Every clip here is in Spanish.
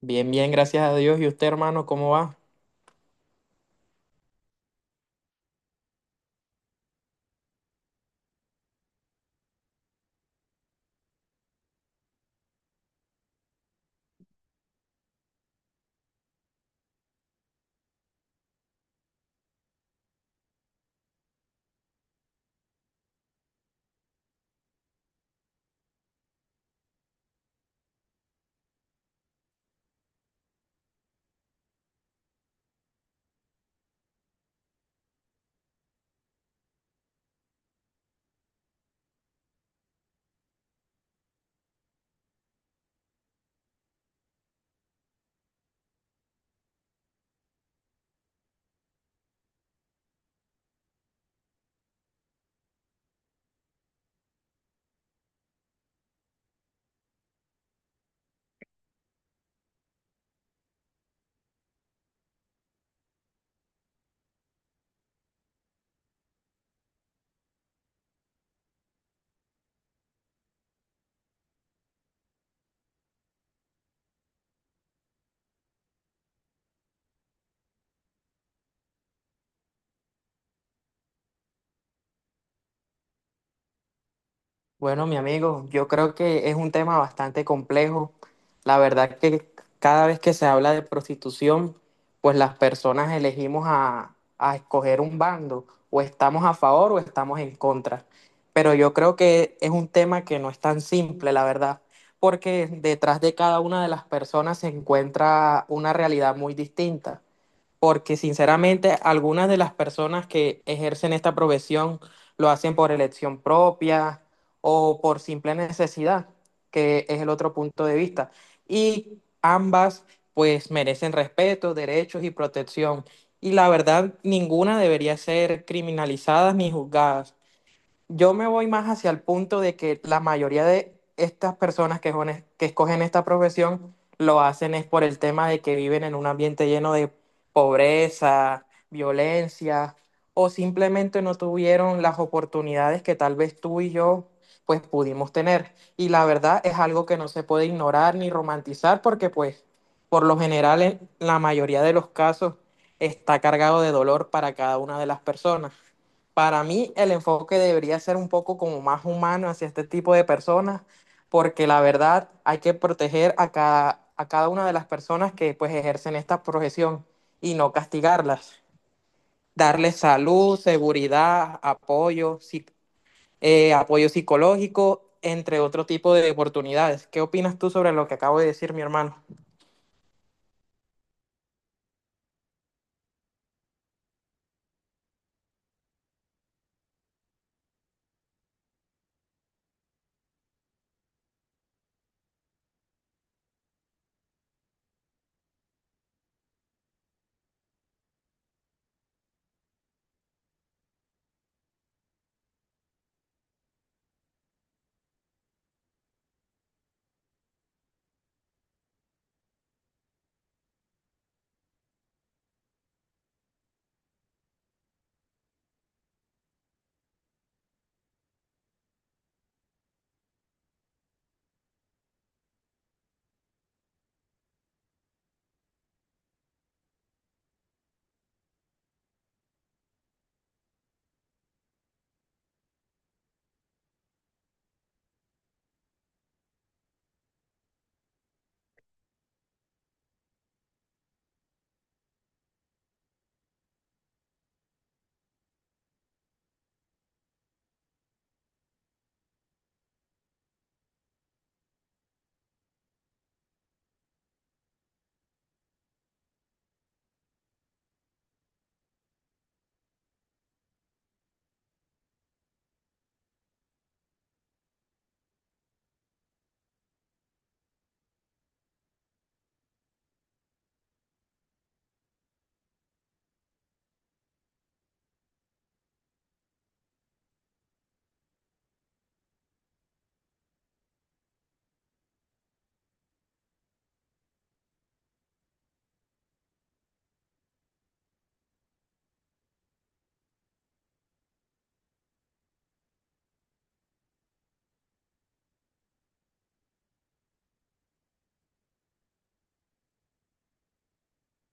Bien, bien, gracias a Dios. ¿Y usted, hermano, cómo va? Bueno, mi amigo, yo creo que es un tema bastante complejo. La verdad que cada vez que se habla de prostitución, pues las personas elegimos a escoger un bando, o estamos a favor o estamos en contra. Pero yo creo que es un tema que no es tan simple, la verdad, porque detrás de cada una de las personas se encuentra una realidad muy distinta. Porque sinceramente algunas de las personas que ejercen esta profesión lo hacen por elección propia o por simple necesidad, que es el otro punto de vista. Y ambas pues merecen respeto, derechos y protección. Y la verdad, ninguna debería ser criminalizada ni juzgada. Yo me voy más hacia el punto de que la mayoría de estas personas que escogen esta profesión lo hacen es por el tema de que viven en un ambiente lleno de pobreza, violencia, o simplemente no tuvieron las oportunidades que tal vez tú y yo pues pudimos tener. Y la verdad es algo que no se puede ignorar ni romantizar porque pues por lo general en la mayoría de los casos está cargado de dolor para cada una de las personas. Para mí el enfoque debería ser un poco como más humano hacia este tipo de personas, porque la verdad hay que proteger a cada una de las personas que pues ejercen esta profesión y no castigarlas. Darles salud, seguridad, apoyo, apoyo psicológico, entre otro tipo de oportunidades. ¿Qué opinas tú sobre lo que acabo de decir, mi hermano?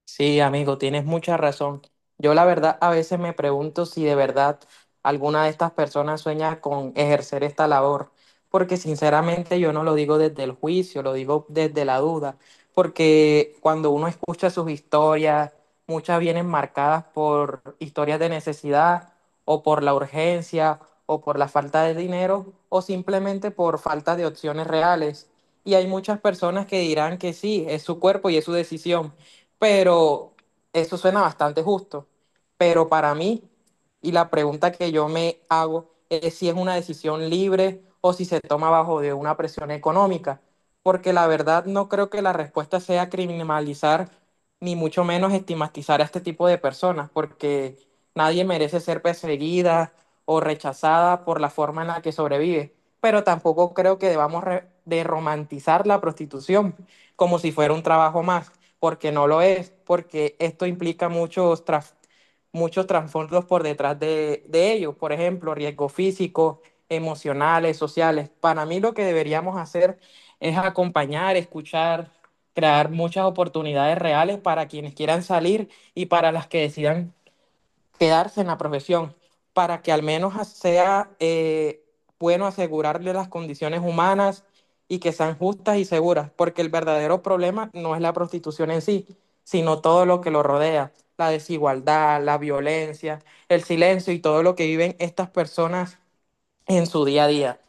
Sí, amigo, tienes mucha razón. Yo la verdad a veces me pregunto si de verdad alguna de estas personas sueña con ejercer esta labor, porque sinceramente yo no lo digo desde el juicio, lo digo desde la duda, porque cuando uno escucha sus historias, muchas vienen marcadas por historias de necesidad o por la urgencia o por la falta de dinero o simplemente por falta de opciones reales. Y hay muchas personas que dirán que sí, es su cuerpo y es su decisión, pero eso suena bastante justo. Pero para mí, y la pregunta que yo me hago es si es una decisión libre o si se toma bajo de una presión económica. Porque la verdad no creo que la respuesta sea criminalizar ni mucho menos estigmatizar a este tipo de personas, porque nadie merece ser perseguida o rechazada por la forma en la que sobrevive. Pero tampoco creo que debamos re- de romantizar la prostitución como si fuera un trabajo más, porque no lo es, porque esto implica muchos trasfondos por detrás de ellos, por ejemplo, riesgos físicos, emocionales, sociales. Para mí lo que deberíamos hacer es acompañar, escuchar, crear muchas oportunidades reales para quienes quieran salir y para las que decidan quedarse en la profesión para que al menos sea bueno, asegurarle las condiciones humanas y que sean justas y seguras, porque el verdadero problema no es la prostitución en sí, sino todo lo que lo rodea, la desigualdad, la violencia, el silencio y todo lo que viven estas personas en su día a día.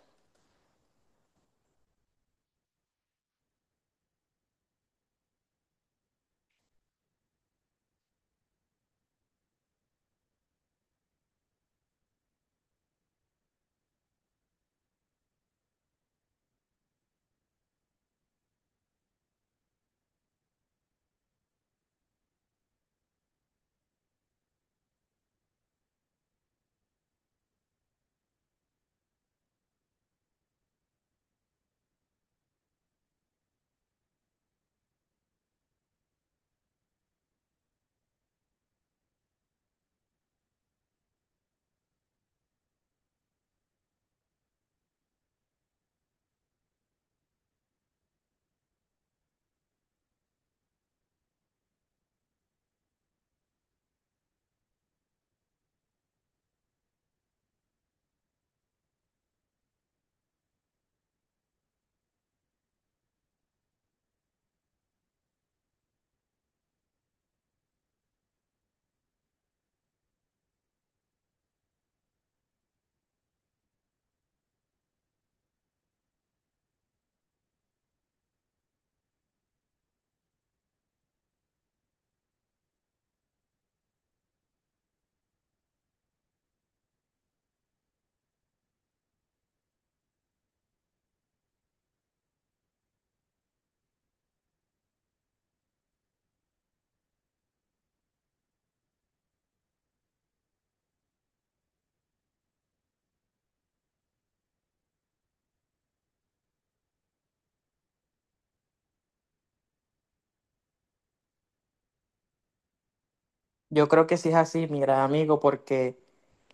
Yo creo que sí es así, mi gran amigo, porque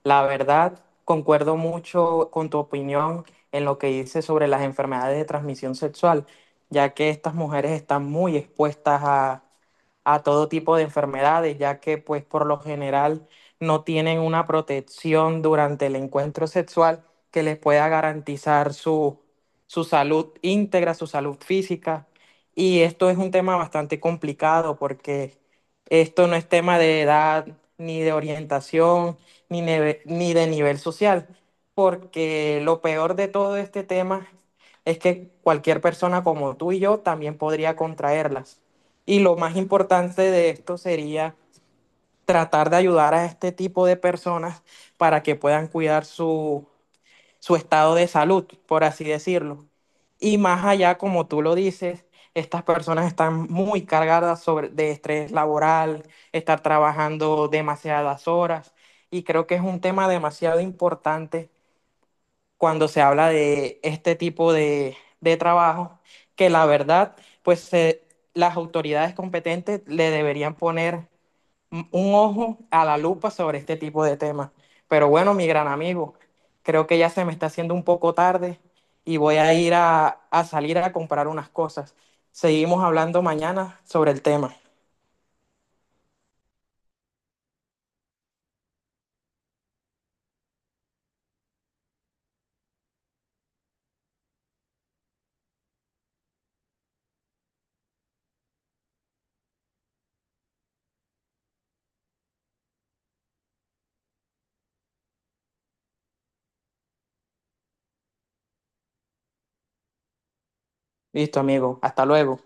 la verdad concuerdo mucho con tu opinión en lo que dices sobre las enfermedades de transmisión sexual, ya que estas mujeres están muy expuestas a todo tipo de enfermedades, ya que pues por lo general no tienen una protección durante el encuentro sexual que les pueda garantizar su, su salud íntegra, su salud física. Y esto es un tema bastante complicado porque esto no es tema de edad, ni de orientación, ni de nivel social, porque lo peor de todo este tema es que cualquier persona como tú y yo también podría contraerlas. Y lo más importante de esto sería tratar de ayudar a este tipo de personas para que puedan cuidar su su estado de salud, por así decirlo. Y más allá, como tú lo dices, estas personas están muy cargadas sobre, de estrés laboral, estar trabajando demasiadas horas. Y creo que es un tema demasiado importante cuando se habla de este tipo de trabajo, que la verdad, pues se- las autoridades competentes le deberían poner un ojo a la lupa sobre este tipo de temas. Pero bueno, mi gran amigo, creo que ya se me está haciendo un poco tarde y voy a ir a salir a comprar unas cosas. Seguimos hablando mañana sobre el tema. Listo, amigo. Hasta luego.